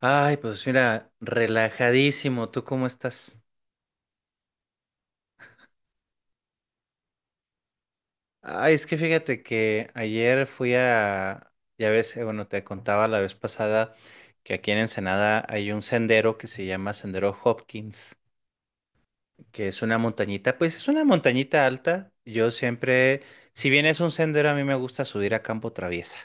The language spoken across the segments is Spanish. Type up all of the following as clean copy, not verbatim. Ay, pues mira, relajadísimo. ¿Tú cómo estás? Ay, es que fíjate que ayer fui a, ya ves, bueno, te contaba la vez pasada que aquí en Ensenada hay un sendero que se llama Sendero Hopkins, que es una montañita, pues es una montañita alta. Yo siempre, si bien es un sendero, a mí me gusta subir a campo traviesa.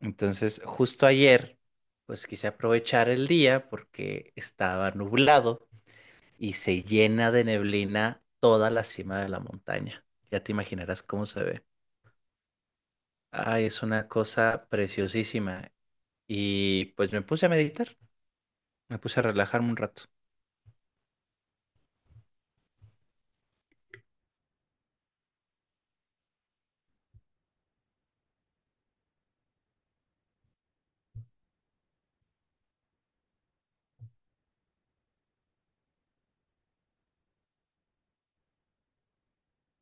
Entonces, justo ayer, pues quise aprovechar el día porque estaba nublado y se llena de neblina toda la cima de la montaña. Ya te imaginarás cómo se ve. Ay, es una cosa preciosísima. Y pues me puse a meditar, me puse a relajarme un rato.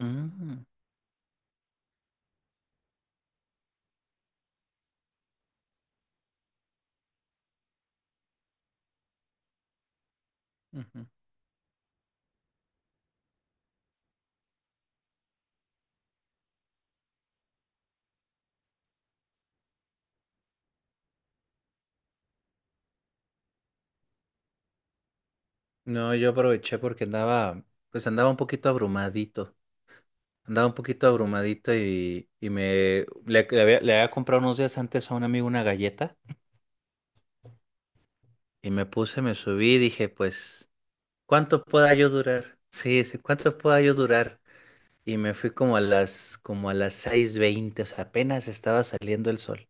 Mm, ujú. No, yo aproveché porque andaba, pues andaba un poquito abrumadito. Andaba un poquito abrumadito y le había comprado unos días antes a un amigo una galleta y me subí y dije, pues, ¿cuánto pueda yo durar? Sí, sí, ¿cuánto pueda yo durar? Y me fui como a las 6:20. O sea, apenas estaba saliendo el sol.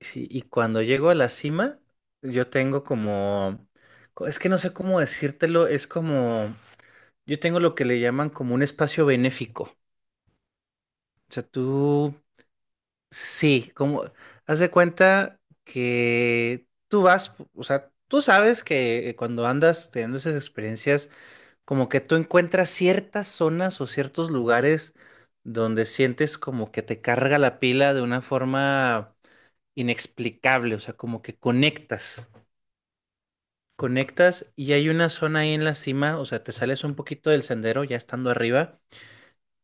Sí, y cuando llego a la cima, yo tengo como, es que no sé cómo decírtelo, es como, yo tengo lo que le llaman como un espacio benéfico. O sea, tú, sí, como, haz de cuenta que tú vas, o sea, tú sabes que cuando andas teniendo esas experiencias, como que tú encuentras ciertas zonas o ciertos lugares donde sientes como que te carga la pila de una forma inexplicable. O sea, como que conectas, conectas. Y hay una zona ahí en la cima, o sea, te sales un poquito del sendero ya estando arriba,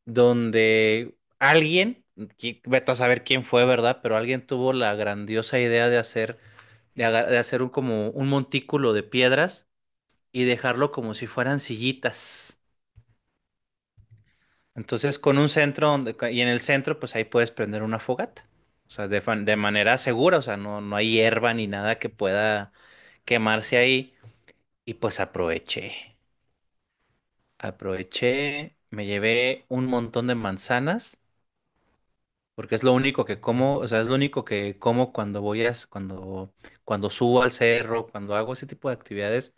donde alguien, vete a saber quién fue, ¿verdad? Pero alguien tuvo la grandiosa idea de hacer, de hacer un como un montículo de piedras y dejarlo como si fueran sillitas. Entonces, con un centro donde, y en el centro, pues ahí puedes prender una fogata. O sea, de manera segura. O sea, no hay hierba ni nada que pueda quemarse ahí. Y pues aproveché, me llevé un montón de manzanas, porque es lo único que como. O sea, es lo único que como cuando cuando subo al cerro, cuando hago ese tipo de actividades.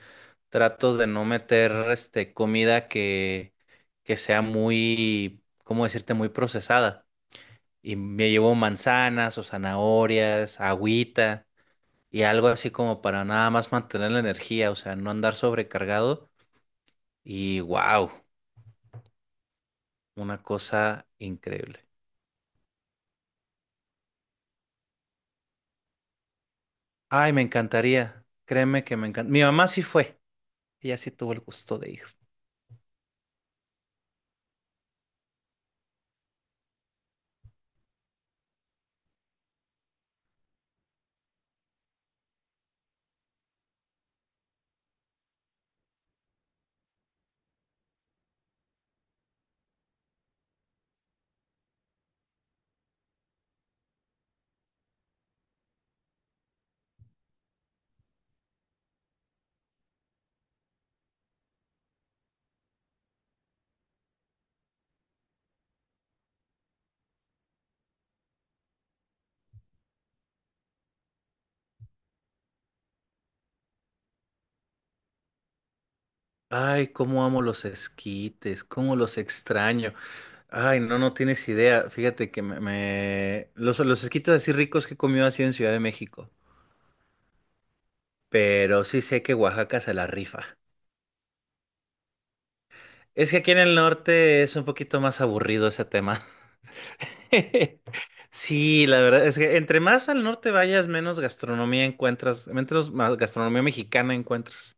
Trato de no meter, este, comida que sea muy, ¿cómo decirte?, muy procesada. Y me llevo manzanas o zanahorias, agüita y algo así como para nada más mantener la energía, o sea, no andar sobrecargado. Y wow, una cosa increíble. Ay, me encantaría. Créeme que me encanta. Mi mamá sí fue. Ella sí tuvo el gusto de ir. Ay, cómo amo los esquites, cómo los extraño. Ay, no, no tienes idea. Fíjate que los esquites así ricos que he comido así en Ciudad de México. Pero sí sé que Oaxaca se la rifa. Es que aquí en el norte es un poquito más aburrido ese tema. Sí, la verdad es que entre más al norte vayas, menos gastronomía encuentras, menos, más gastronomía mexicana encuentras.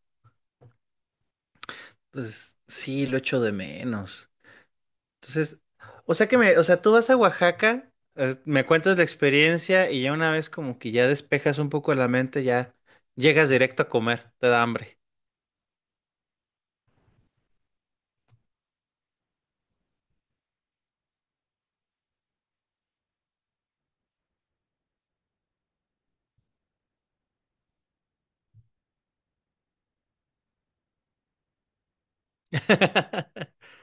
Entonces, sí, lo echo de menos. Entonces, o sea que o sea, tú vas a Oaxaca, me cuentas la experiencia y ya una vez como que ya despejas un poco la mente, ya llegas directo a comer, te da hambre.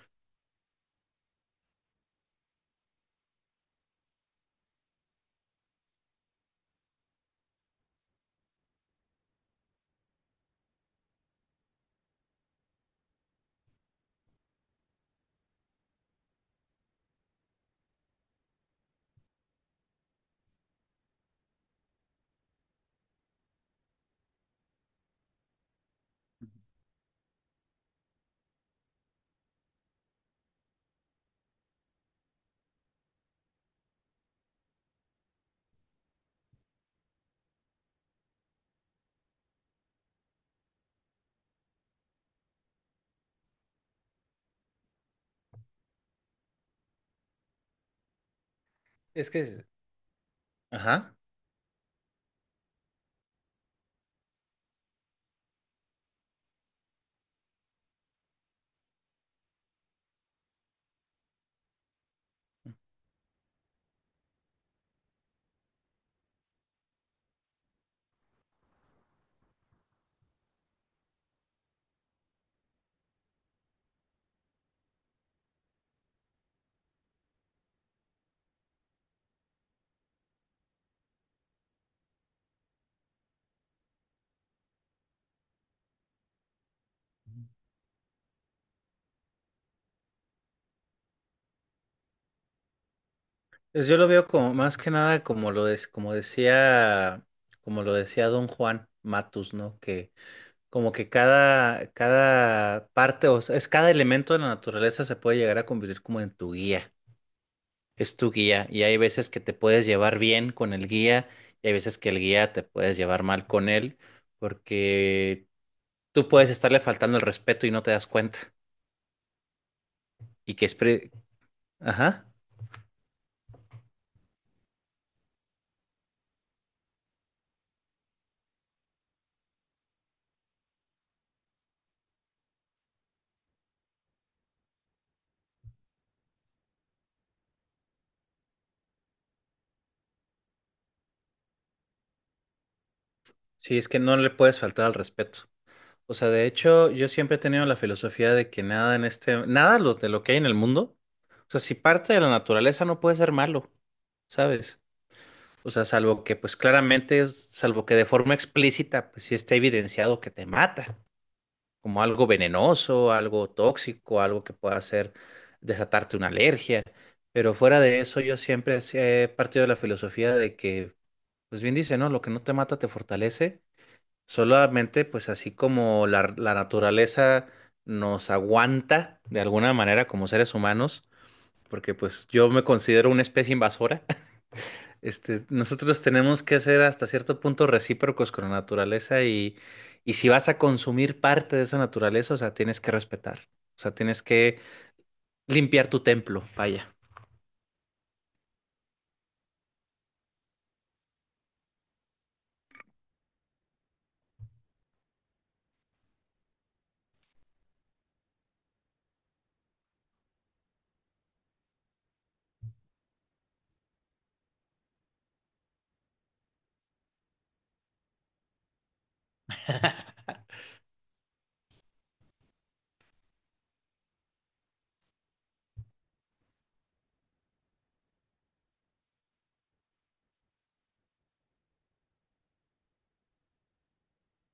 Es que, ajá. Pues yo lo veo como más que nada como como decía, como lo decía Don Juan Matus, ¿no? Que como que cada parte, o sea, es cada elemento de la naturaleza se puede llegar a convertir como en tu guía. Es tu guía. Y hay veces que te puedes llevar bien con el guía, y hay veces que el guía te puedes llevar mal con él, porque tú puedes estarle faltando el respeto y no te das cuenta. Y que es pre- Ajá. Sí, es que no le puedes faltar al respeto. O sea, de hecho, yo siempre he tenido la filosofía de que nada en este, nada lo- de lo que hay en el mundo, o sea, si parte de la naturaleza no puede ser malo, ¿sabes? O sea, salvo que, pues claramente, salvo que de forma explícita, pues sí esté evidenciado que te mata, como algo venenoso, algo tóxico, algo que pueda hacer desatarte una alergia. Pero fuera de eso, yo siempre sí he partido de la filosofía de que, pues bien dice, ¿no? Lo que no te mata te fortalece. Solamente, pues así como la naturaleza nos aguanta de alguna manera como seres humanos, porque pues yo me considero una especie invasora, este, nosotros tenemos que ser hasta cierto punto recíprocos con la naturaleza y si vas a consumir parte de esa naturaleza, o sea, tienes que respetar, o sea, tienes que limpiar tu templo, vaya.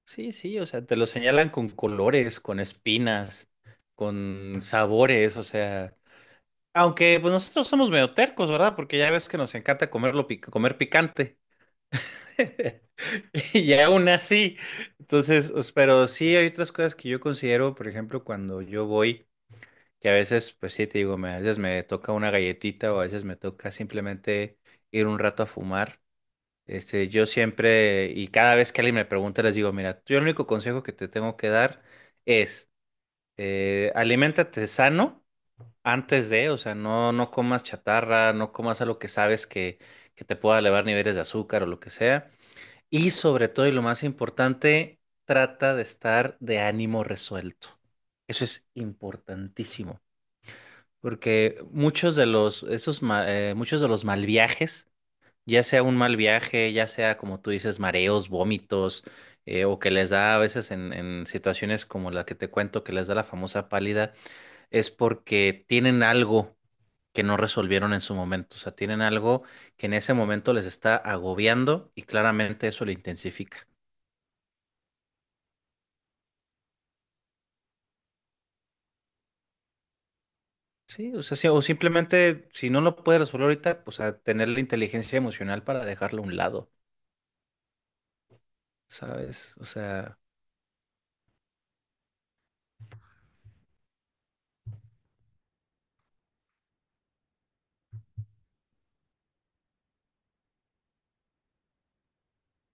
Sí, sí, o sea, te lo señalan con colores, con espinas, con sabores, o sea... Aunque pues nosotros somos medio tercos, ¿verdad? Porque ya ves que nos encanta comer picante. Y aún así. Entonces, pero sí hay otras cosas que yo considero, por ejemplo, cuando yo voy, que a veces, pues sí, te digo, a veces me toca una galletita o a veces me toca simplemente ir un rato a fumar. Este, yo siempre, y cada vez que alguien me pregunta, les digo, mira, yo el único consejo que te tengo que dar es, aliméntate sano antes de, o sea, no comas chatarra, no comas algo que sabes que te pueda elevar niveles de azúcar o lo que sea. Y sobre todo, y lo más importante, trata de estar de ánimo resuelto. Eso es importantísimo, porque muchos de muchos de los mal viajes, ya sea un mal viaje, ya sea como tú dices, mareos, vómitos, o que les da a veces en situaciones como la que te cuento, que les da la famosa pálida, es porque tienen algo que no resolvieron en su momento. O sea, tienen algo que en ese momento les está agobiando y claramente eso lo intensifica. Sí, o sea, sí, o simplemente si no lo puedes resolver ahorita, pues a tener la inteligencia emocional para dejarlo a un lado, ¿sabes? O sea,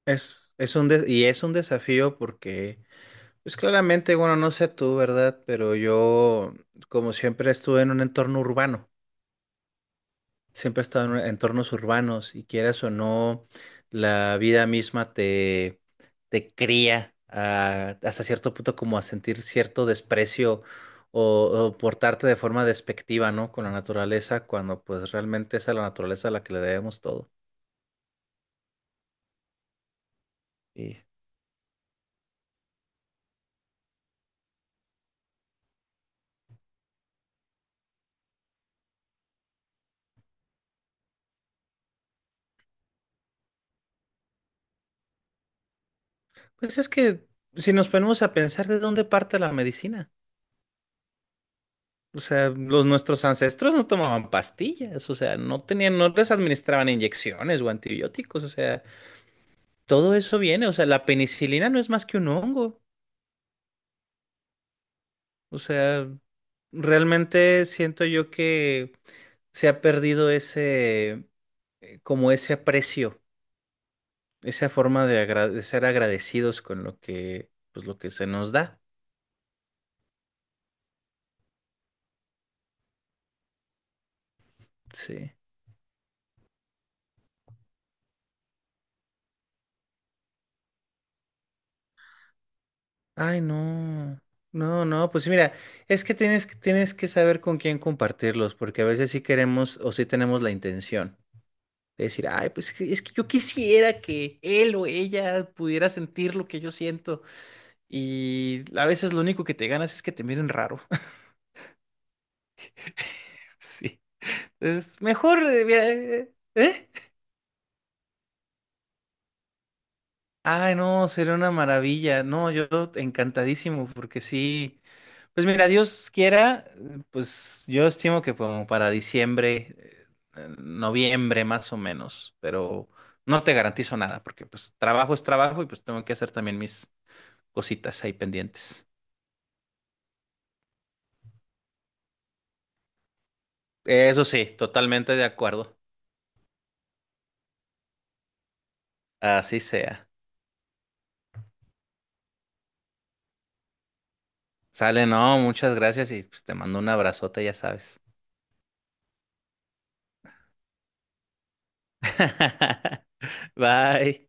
es un y es un desafío porque, pues claramente, bueno, no sé tú, ¿verdad? Pero yo, como siempre, estuve en un entorno urbano. Siempre he estado en entornos urbanos y quieras o no, la vida misma te cría hasta cierto punto como a sentir cierto desprecio o portarte de forma despectiva, ¿no? Con la naturaleza, cuando pues realmente es a la naturaleza a la que le debemos todo. Y pues es que si nos ponemos a pensar de dónde parte la medicina. O sea, los nuestros ancestros no tomaban pastillas, o sea, no tenían, no les administraban inyecciones o antibióticos, o sea, todo eso viene, o sea, la penicilina no es más que un hongo. O sea, realmente siento yo que se ha perdido ese, como ese aprecio, esa forma de, de ser agradecidos con lo que, pues lo que se nos da. Sí. Ay, no. No, no, pues mira, es que tienes, tienes que saber con quién compartirlos, porque a veces sí queremos o sí tenemos la intención de decir, ay, pues es que yo quisiera que él o ella pudiera sentir lo que yo siento. Y a veces lo único que te ganas es que te miren raro. Sí. Es mejor, mira, ¿eh? Ay, no, sería una maravilla. No, yo encantadísimo, porque sí. Pues mira, Dios quiera, pues yo estimo que como para diciembre, noviembre más o menos, pero no te garantizo nada, porque pues trabajo es trabajo y pues tengo que hacer también mis cositas ahí pendientes. Eso sí, totalmente de acuerdo. Así sea. Sale, no, muchas gracias y pues, te mando un abrazote, ya sabes. Bye.